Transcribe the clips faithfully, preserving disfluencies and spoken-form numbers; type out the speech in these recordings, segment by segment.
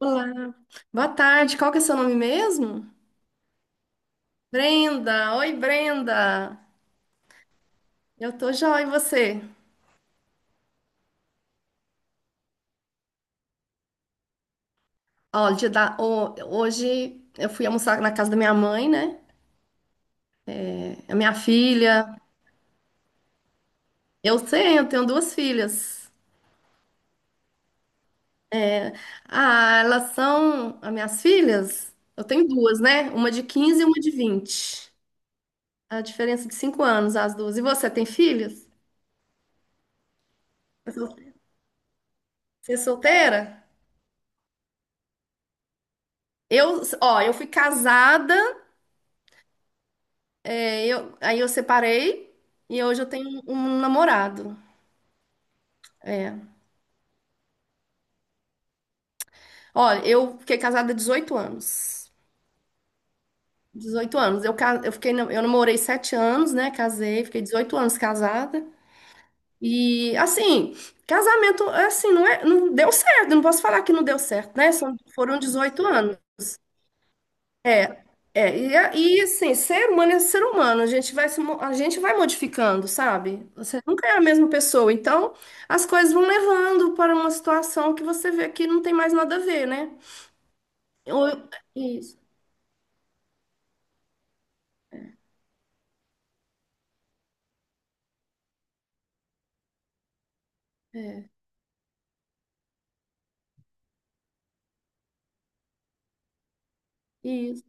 Olá, boa tarde. Qual que é seu nome mesmo? Brenda. Oi, Brenda. Eu tô joia, e você? Ó, dia da- ho- hoje eu fui almoçar na casa da minha mãe, né? A minha filha. Eu tenho, eu tenho duas filhas. É. Ah, elas são as minhas filhas? Eu tenho duas, né? Uma de quinze e uma de vinte. A diferença de cinco anos, as duas. E você tem filhas? Você é solteira? Eu, ó, eu fui casada. Aí eu, aí eu separei e hoje eu tenho um um namorado. É. Olha, eu fiquei casada há dezoito anos. Dezoito anos. Eu, ca- eu fiquei, na- eu namorei sete anos, né? Casei, fiquei dezoito anos casada. E assim, casamento, assim, não é, não deu certo. Eu não posso falar que não deu certo, né? São, foram dezoito anos. É, e, a- e assim, ser humano é ser humano, a gente vai, se mo- a gente vai modificando, sabe? Você nunca é a mesma pessoa, então as coisas vão levando para uma situação que você vê que não tem mais nada a ver, né? Ou, isso, isso.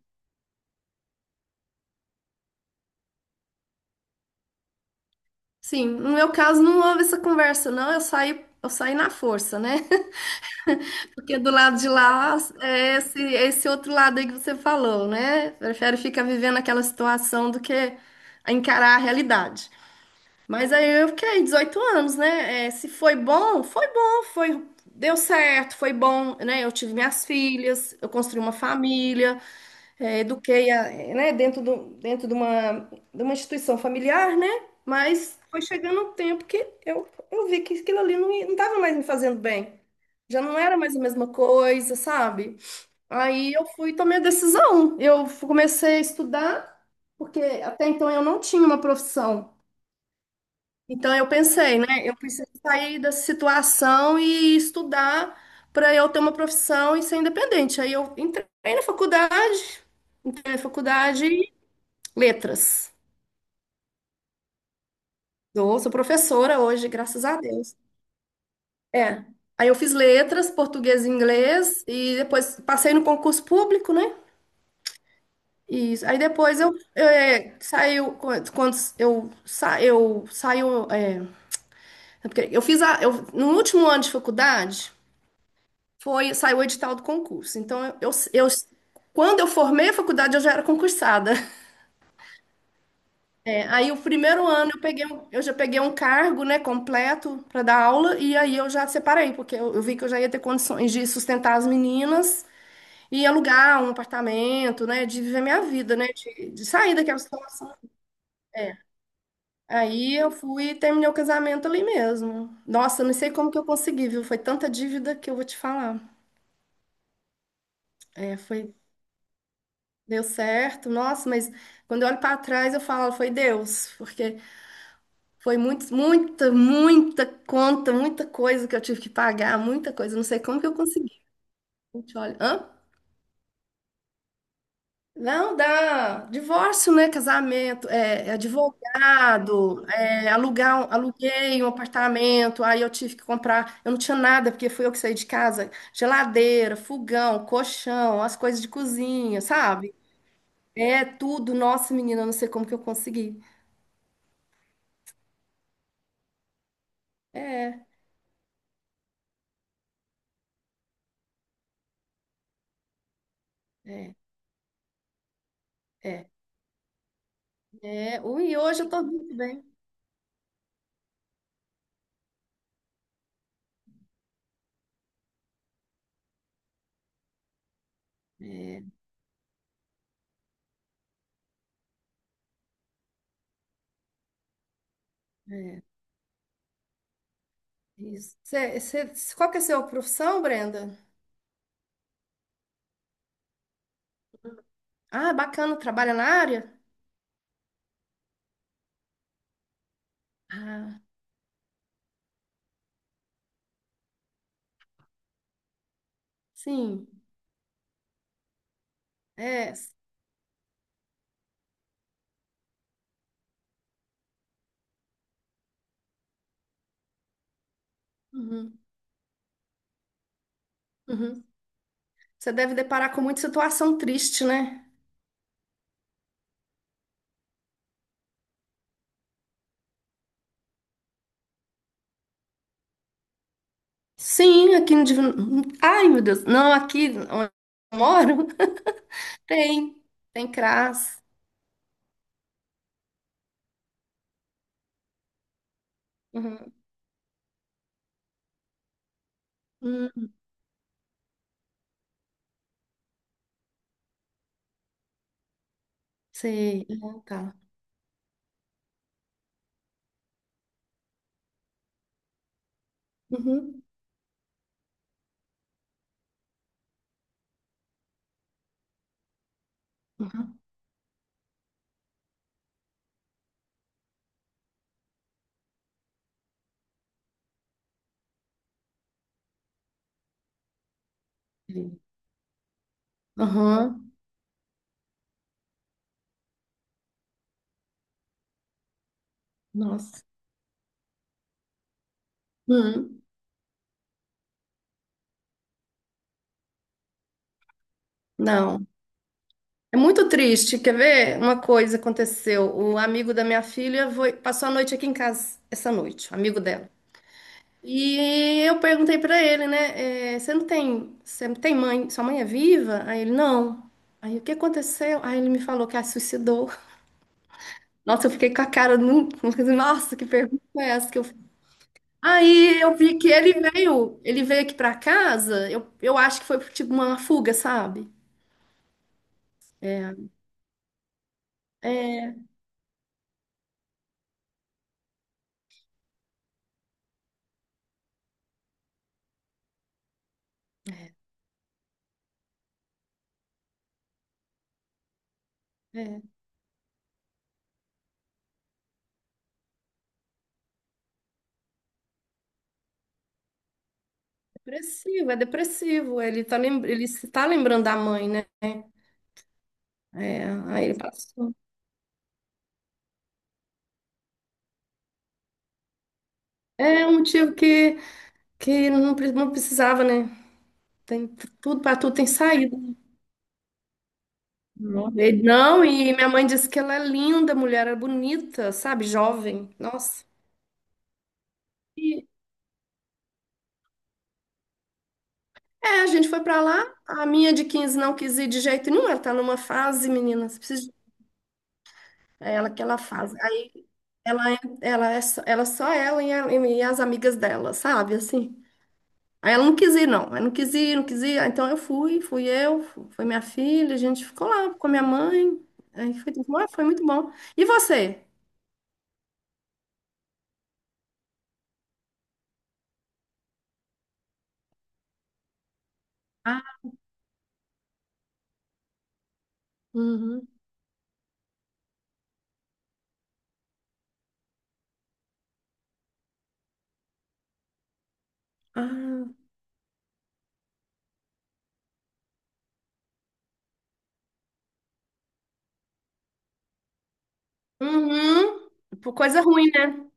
Sim, no meu caso não houve essa conversa, não, eu saí, eu saí na força, né? Porque do lado de lá é esse, é esse, outro lado aí que você falou, né? Prefere ficar vivendo aquela situação do que encarar a realidade. Mas aí eu fiquei dezoito anos, né? É, se foi bom, foi bom, foi, deu certo, foi bom, né? Eu tive minhas filhas, eu construí uma família, é, eduquei, a- é, né? Dentro do, dentro de uma, de uma instituição familiar, né? Mas foi chegando um tempo que eu, eu vi que aquilo ali não, ia- não estava mais me fazendo bem. Já não era mais a mesma coisa, sabe? Aí eu fui e tomei a decisão. Eu fu- comecei a estudar, porque até então eu não tinha uma profissão. Então eu pensei, né? Eu preciso sair dessa situação e estudar para eu ter uma profissão e ser independente. Aí eu entrei na faculdade, entrei na faculdade e letras. Sou, sou professora hoje, graças a Deus. É. Aí eu fiz letras, português e inglês e depois passei no concurso público, né? E aí depois eu, eu, é, saiu quando quando eu sa, eu saiu é, é porque eu fiz a, eu, no último ano de faculdade. Foi, saiu o edital do concurso. Então, eu, eu, quando eu formei a faculdade, eu já era concursada. É, aí, o primeiro ano, eu peguei, um- eu já peguei um cargo, né, completo para dar aula, e aí eu já separei, porque eu, eu vi que eu já ia ter condições de sustentar as meninas e alugar um apartamento, né, de viver minha vida, né, de, de sair daquela situação. É. Aí eu fui e terminei o casamento ali mesmo. Nossa, eu não sei como que eu consegui, viu? Foi tanta dívida que eu vou te falar. É, foi Deu certo, nossa, mas quando eu olho para trás eu falo, foi Deus, porque foi muito, muita, muita conta, muita coisa que eu tive que pagar, muita coisa, não sei como que eu consegui. A gente olha, hã? Não, dá divórcio, né? Casamento, é, é advogado, é, alugar, um- aluguei um apartamento, aí eu tive que comprar, eu não tinha nada, porque fui eu que saí de casa, geladeira, fogão, colchão, as coisas de cozinha, sabe? É tudo, nossa, menina, eu não sei como que eu consegui. É. É, é, é. Ui, e hoje eu estou muito bem. É, é, isso. Cê, cê- qual que é a sua profissão, Brenda? Ah, bacana, trabalha na área? Ah, sim. É. Uhum, uhum. Você deve deparar com muita situação triste, né? Sim, aqui no Divino. Ai, meu Deus. Não, aqui onde eu moro tem. Tem CRAS. Uhum. Hum, sei. Ah, tá. Uhum. Uhum. Uhum. Nossa. Uhum. Não. É muito triste. Quer ver? Uma coisa aconteceu. O amigo da minha filha foi- passou a noite aqui em casa, essa noite, o amigo dela. E eu perguntei pra ele, né? Eh, você não tem, você não tem mãe? Sua mãe é viva? Aí ele, não. Aí o que aconteceu? Aí ele me falou que a suicidou. Nossa, eu fiquei com a cara, no- nossa, que pergunta é essa que eu fiz? Aí eu vi que ele veio, ele veio aqui pra casa. Eu, eu acho que foi tipo uma fuga, sabe? É, é. É. Depressivo, é depressivo. Ele tá, lem- ele se tá lembrando da mãe, né? É, aí ele passou. É um motivo que, que não, pre- não precisava, né? Tem t- tudo para tudo tem saída. Não, Ele- não, e minha mãe disse que ela é linda, mulher, é bonita, sabe? Jovem. Nossa. E, é, a gente foi para lá. A minha de quinze não quis ir de jeito nenhum. Ela tá numa fase, menina. Você precisa de- É ela que ela faz. Aí Ela, é- ela é só ela, só ela e, a- e as amigas dela, sabe? Assim. Aí ela não quis ir, não. Aí não quis ir, não quis ir. Aí então eu fui, fui eu, fu- foi minha filha, a gente ficou lá com a minha mãe. Aí foi, tudo bom, foi muito bom. E você? Ah, uhum. Ah, uhum. Por coisa ruim, né?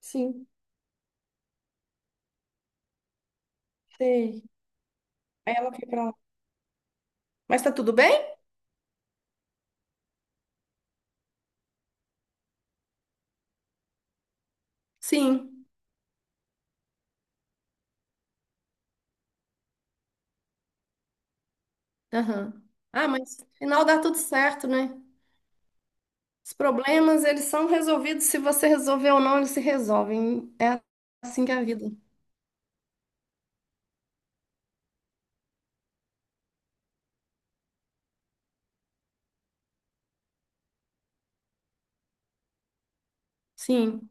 Sim, sei. Aí ela foi pra lá. Mas tá tudo bem? Sim. Aham. Ah, mas no final dá tudo certo, né? Os problemas, eles são resolvidos. Se você resolver ou não, eles se resolvem. É assim que é a vida. Sim.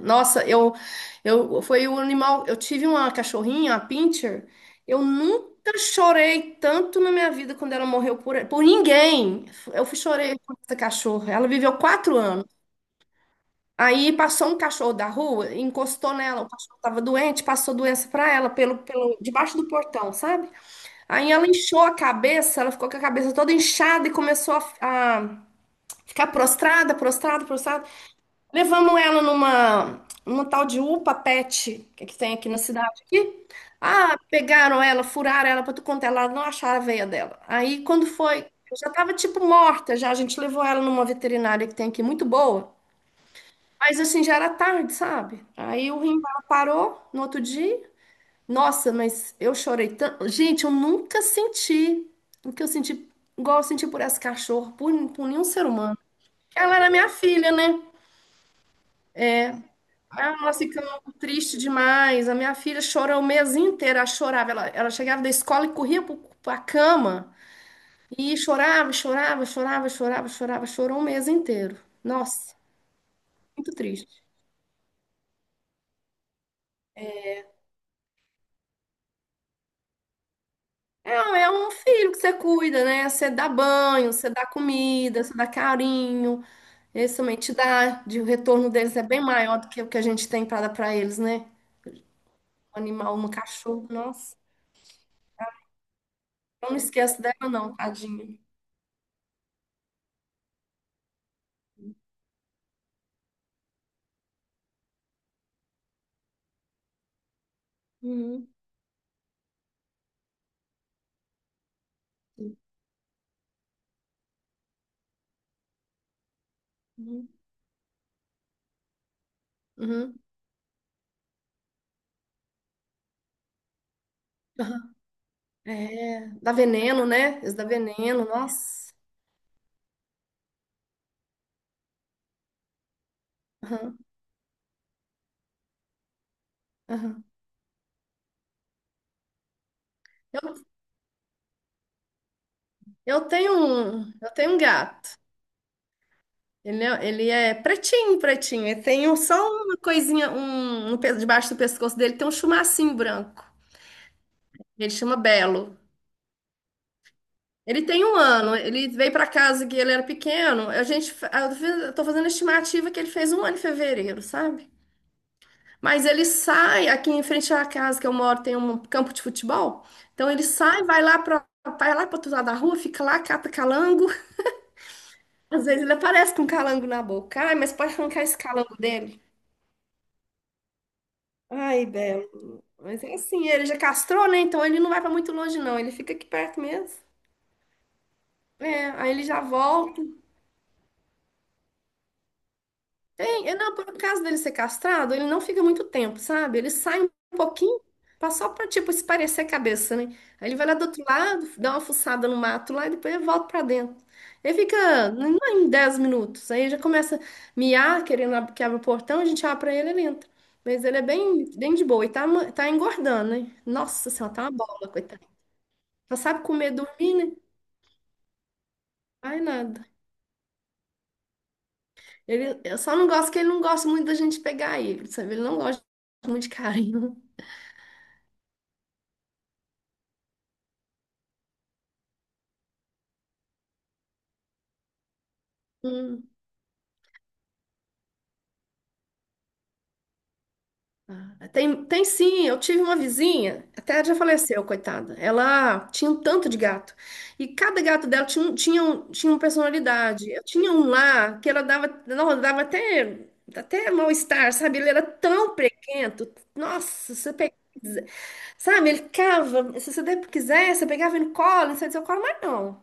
Nossa, eu, eu foi o animal. Eu tive uma cachorrinha, a pincher. Eu nunca chorei tanto na minha vida quando ela morreu por, por ninguém. Eu fui chorei por essa cachorra. Ela viveu quatro anos. Aí passou um cachorro da rua, encostou nela. O cachorro estava doente, passou doença para ela pelo, pelo debaixo do portão, sabe? Aí ela inchou a cabeça, ela ficou com a cabeça toda inchada e começou a, a ficar prostrada, prostrada, prostrada. Levamos ela numa, numa tal de UPA Pet, que, que tem aqui na cidade aqui. Ah, pegaram ela, furaram ela para tu contar, ela não acharam a veia dela. Aí quando foi, eu já tava tipo morta, já a gente levou ela numa veterinária que tem aqui muito boa. Mas assim já era tarde, sabe? Aí o rim dela parou no outro dia. Nossa, mas eu chorei tanto. Gente, eu nunca senti o que eu senti, igual eu senti por essa cachorra, por, por nenhum ser humano. Ela era minha filha, né? Ah, nós ficamos tristes demais. A minha filha chorou o mês inteiro, ela chorava. Ela, ela chegava da escola e corria para a cama e chorava, chorava, chorava, chorava, chorava, chorou um mês inteiro. Nossa, muito triste. É, é um filho que você cuida, né? Você dá banho, você dá comida, você dá carinho. Esse também te dá, de, o retorno deles é bem maior do que o que a gente tem para dar para eles, né? Um animal, um cachorro, nossa. Eu não esqueço dela, não, tadinha. Uhum. Uhum. Uhum. Aham. É, dá veneno, né? Isso dá veneno, nossa. Aham, aham. Eu, eu tenho um, eu tenho um gato. Ele é, ele é pretinho, pretinho. Ele tem um- só uma coisinha, um, um pe- debaixo do pescoço dele tem um chumacinho branco. Ele chama Belo. Ele tem um ano. Ele veio para casa que ele era pequeno. A gente, fa- eu fiz- eu tô fazendo a estimativa que ele fez um ano em fevereiro, sabe? Mas ele sai, aqui em frente à casa que eu moro tem um campo de futebol. Então ele sai, vai lá para vai lá para outro lado da rua, fica lá, cata calango. Às vezes ele aparece com um calango na boca. Ai, mas pode arrancar esse calango dele. Ai, Belo. Mas é assim, ele já castrou, né? Então ele não vai para muito longe, não. Ele fica aqui perto mesmo. É, aí ele já volta. É, é, não, por causa dele ser castrado, ele não fica muito tempo, sabe? Ele sai um pouquinho, pra- só pra, tipo, esparecer a cabeça, né? Aí ele vai lá do outro lado, dá uma fuçada no mato lá e depois ele volta pra dentro. Ele fica, não é em dez minutos, aí já começa a miar, querendo ab- que abra o portão, a gente abre pra ele, ele entra. Mas ele é bem, bem de boa e tá, ma- tá engordando, né? Nossa senhora, tá uma bola, coitado. Só sabe comer, dormir, né? Ai, nada. Ele, eu só não gosto que ele não gosta muito da gente pegar ele, sabe? Ele não gosta muito de carinho. Hum. Ah, Tem, tem sim, eu tive uma vizinha, até já faleceu, coitada. Ela tinha um tanto de gato. E cada gato dela tinha, um- tinha, um- tinha uma personalidade. Eu tinha um lá que ela dava, não, dava até, até mal-estar, sabe? Ele era tão prequento. Nossa, você pega, sabe? Ele cava, se você der- quiser, você pegava ele no colo, não sei se eu colo, mas não.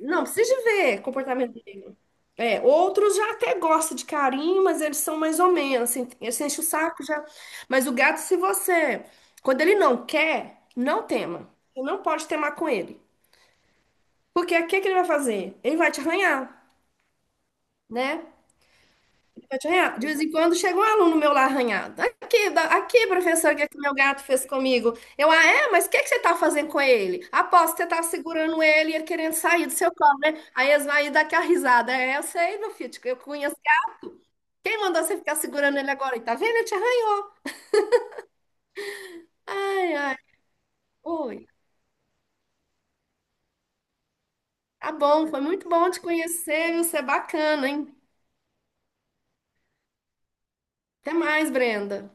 Não, precisa de ver comportamento dele. É, outros já até gostam de carinho, mas eles são mais ou menos, assim, eles enchem o saco já. Mas o gato, se você, quando ele não quer, não tema. Você não pode temar com ele. Porque o que é que ele vai fazer? Ele vai te arranhar, né? Pode arranhar. De vez em quando chega um aluno meu lá arranhado. Aqui, da- aqui, professor, o que é que meu gato fez comigo? Eu, ah, é? Mas o que é que você tá fazendo com ele? Aposto que você tá segurando ele e ele querendo sair do seu colo, né? Aí eles vão aí dar aquela risada. É, eu sei, meu filho, eu conheço. Quem mandou você ficar segurando ele agora? E tá vendo? Eu te arranhei. Ai, ai, oi. Tá bom, foi muito bom te conhecer, viu? Você é bacana, hein? Até mais, Brenda.